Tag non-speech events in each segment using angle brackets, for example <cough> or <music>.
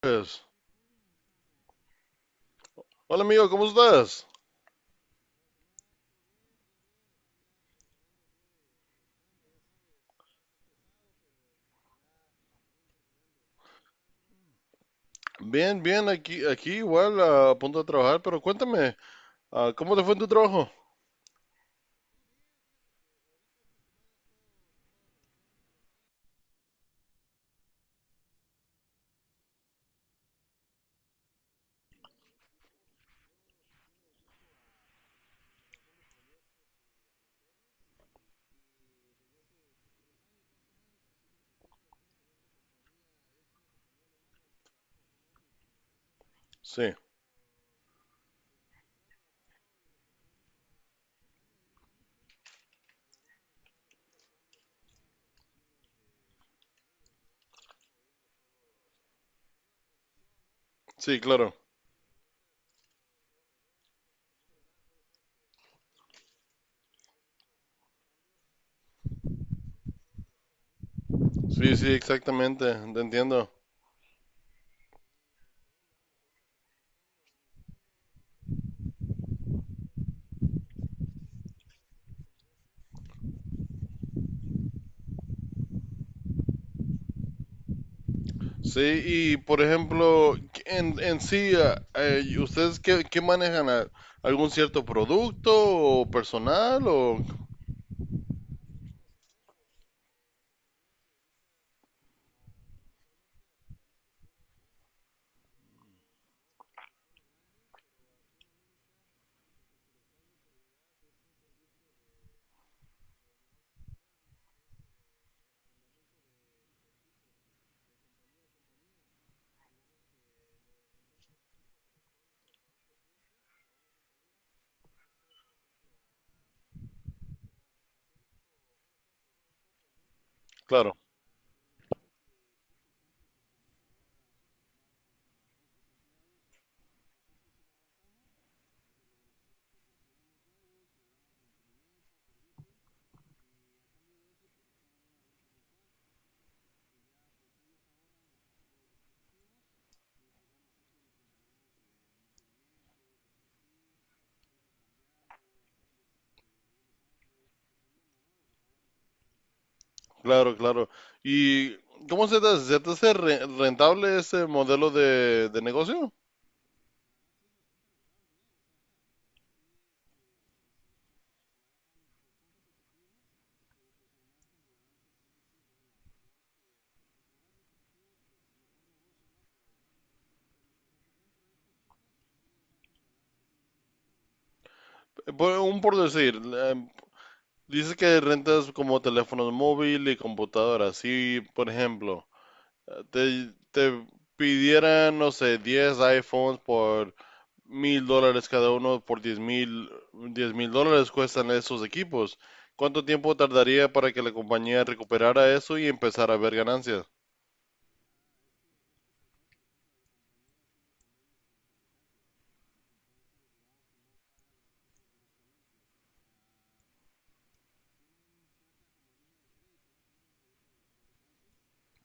Pues, hola amigo, ¿cómo estás? Bien, bien, aquí igual a punto de trabajar, pero cuéntame, ¿cómo te fue en tu trabajo? Sí, sí, claro. Sí, sí, exactamente, te entiendo. Sí, y por ejemplo, en sí, ¿ustedes qué manejan? ¿Algún cierto producto o personal? O. Claro, claro, claro. ¿Y cómo se te hace? ¿Se te hace rentable ese modelo de negocio? Un por decir, dice que rentas como teléfonos móvil y computadoras. Si, por ejemplo, te pidieran, no sé, 10 iPhones por mil dólares cada uno, por 10 mil, 10 mil dólares cuestan esos equipos. ¿Cuánto tiempo tardaría para que la compañía recuperara eso y empezara a ver ganancias?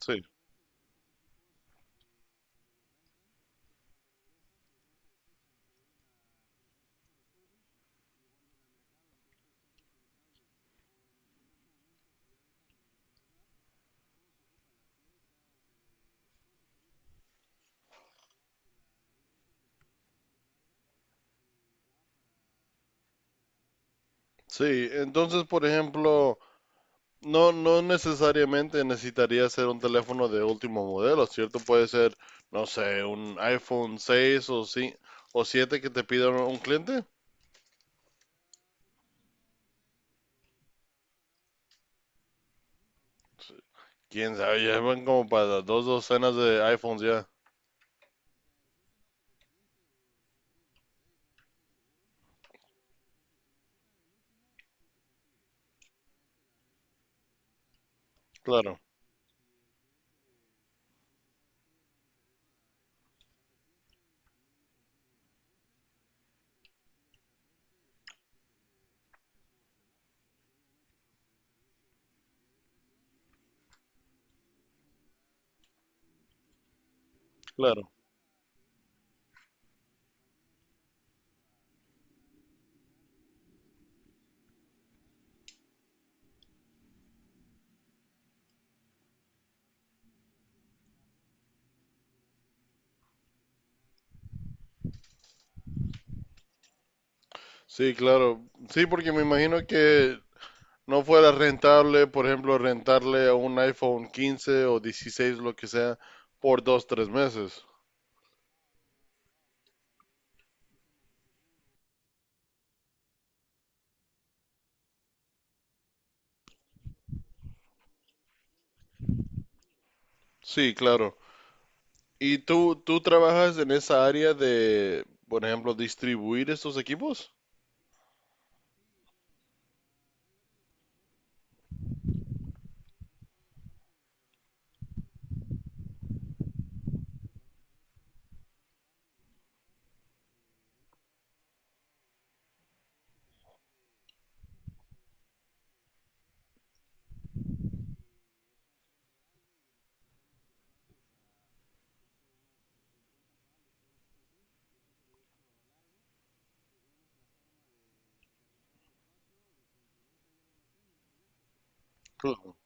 Sí. Sí, entonces, por ejemplo, no, no necesariamente necesitaría ser un teléfono de último modelo, ¿cierto? Puede ser, no sé, un iPhone 6 o, sí, o 7 que te pida un cliente. Quién sabe, ya van como para dos docenas de iPhones ya. Claro, claro. Sí, claro. Sí, porque me imagino que no fuera rentable, por ejemplo, rentarle a un iPhone 15 o 16, lo que sea, por dos, tres meses. Sí, claro. ¿Y tú trabajas en esa área de, por ejemplo, distribuir estos equipos? Claro.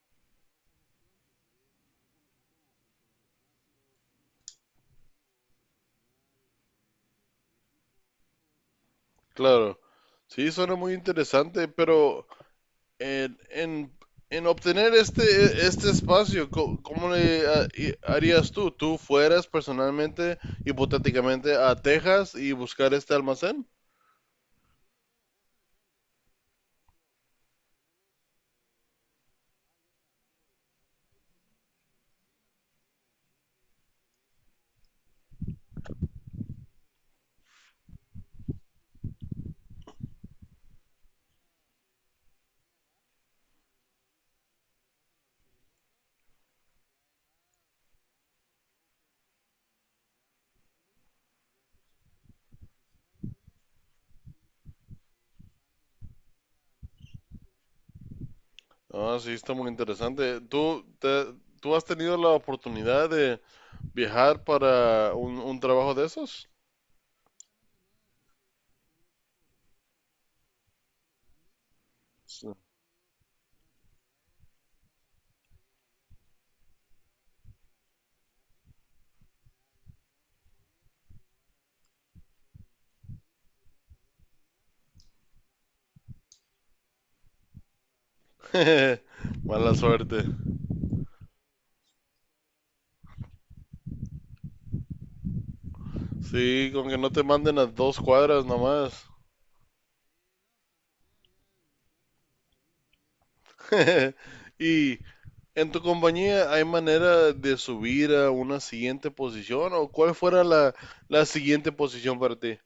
Claro, sí, suena muy interesante, pero en, en, en obtener este espacio, ¿cómo le harías tú? ¿Tú fueras personalmente, hipotéticamente, a Texas y buscar este almacén? Ah, sí, está muy interesante. ¿Tú has tenido la oportunidad de viajar para un trabajo de esos? Sí. <laughs> Mala suerte. Sí, con que no te manden a dos cuadras nomás. <laughs> Y en tu compañía hay manera de subir a una siguiente posición o cuál fuera la siguiente posición para ti.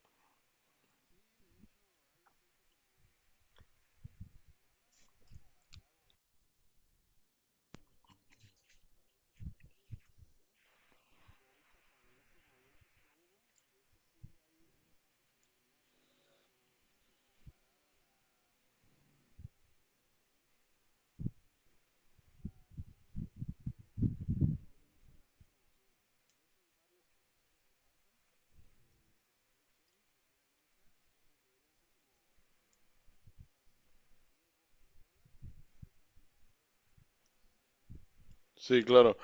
Sí, claro.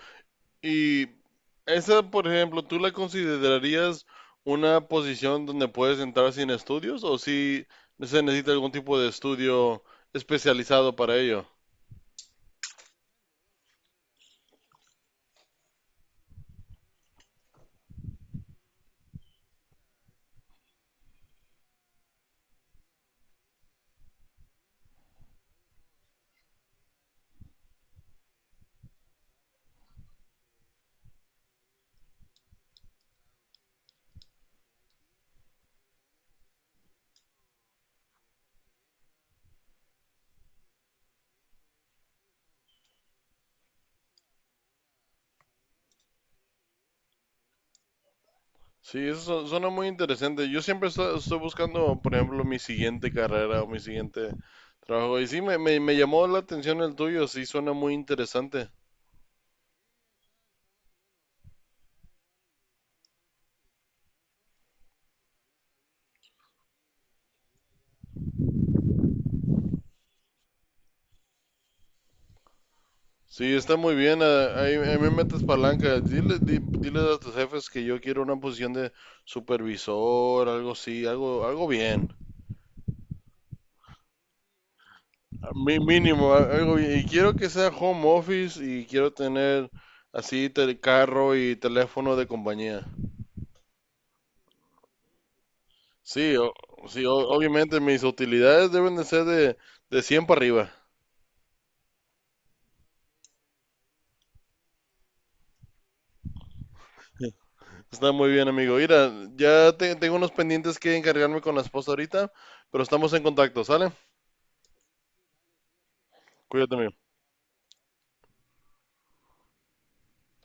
Y esa, por ejemplo, ¿tú la considerarías una posición donde puedes entrar sin estudios o si se necesita algún tipo de estudio especializado para ello? Sí, eso suena muy interesante. Yo siempre estoy buscando, por ejemplo, mi siguiente carrera o mi siguiente trabajo. Y sí, me llamó la atención el tuyo, sí, suena muy interesante. Sí, está muy bien, ahí me metes palanca. Dile a tus jefes que yo quiero una posición de supervisor, algo así, algo bien. A mínimo, algo bien. Y quiero que sea home office y quiero tener así el carro y teléfono de compañía. Sí, o- sí, obviamente mis utilidades deben de ser de 100 para arriba. Está muy bien, amigo. Mira, ya tengo unos pendientes que encargarme con la esposa ahorita, pero estamos en contacto, ¿sale? Cuídate, amigo.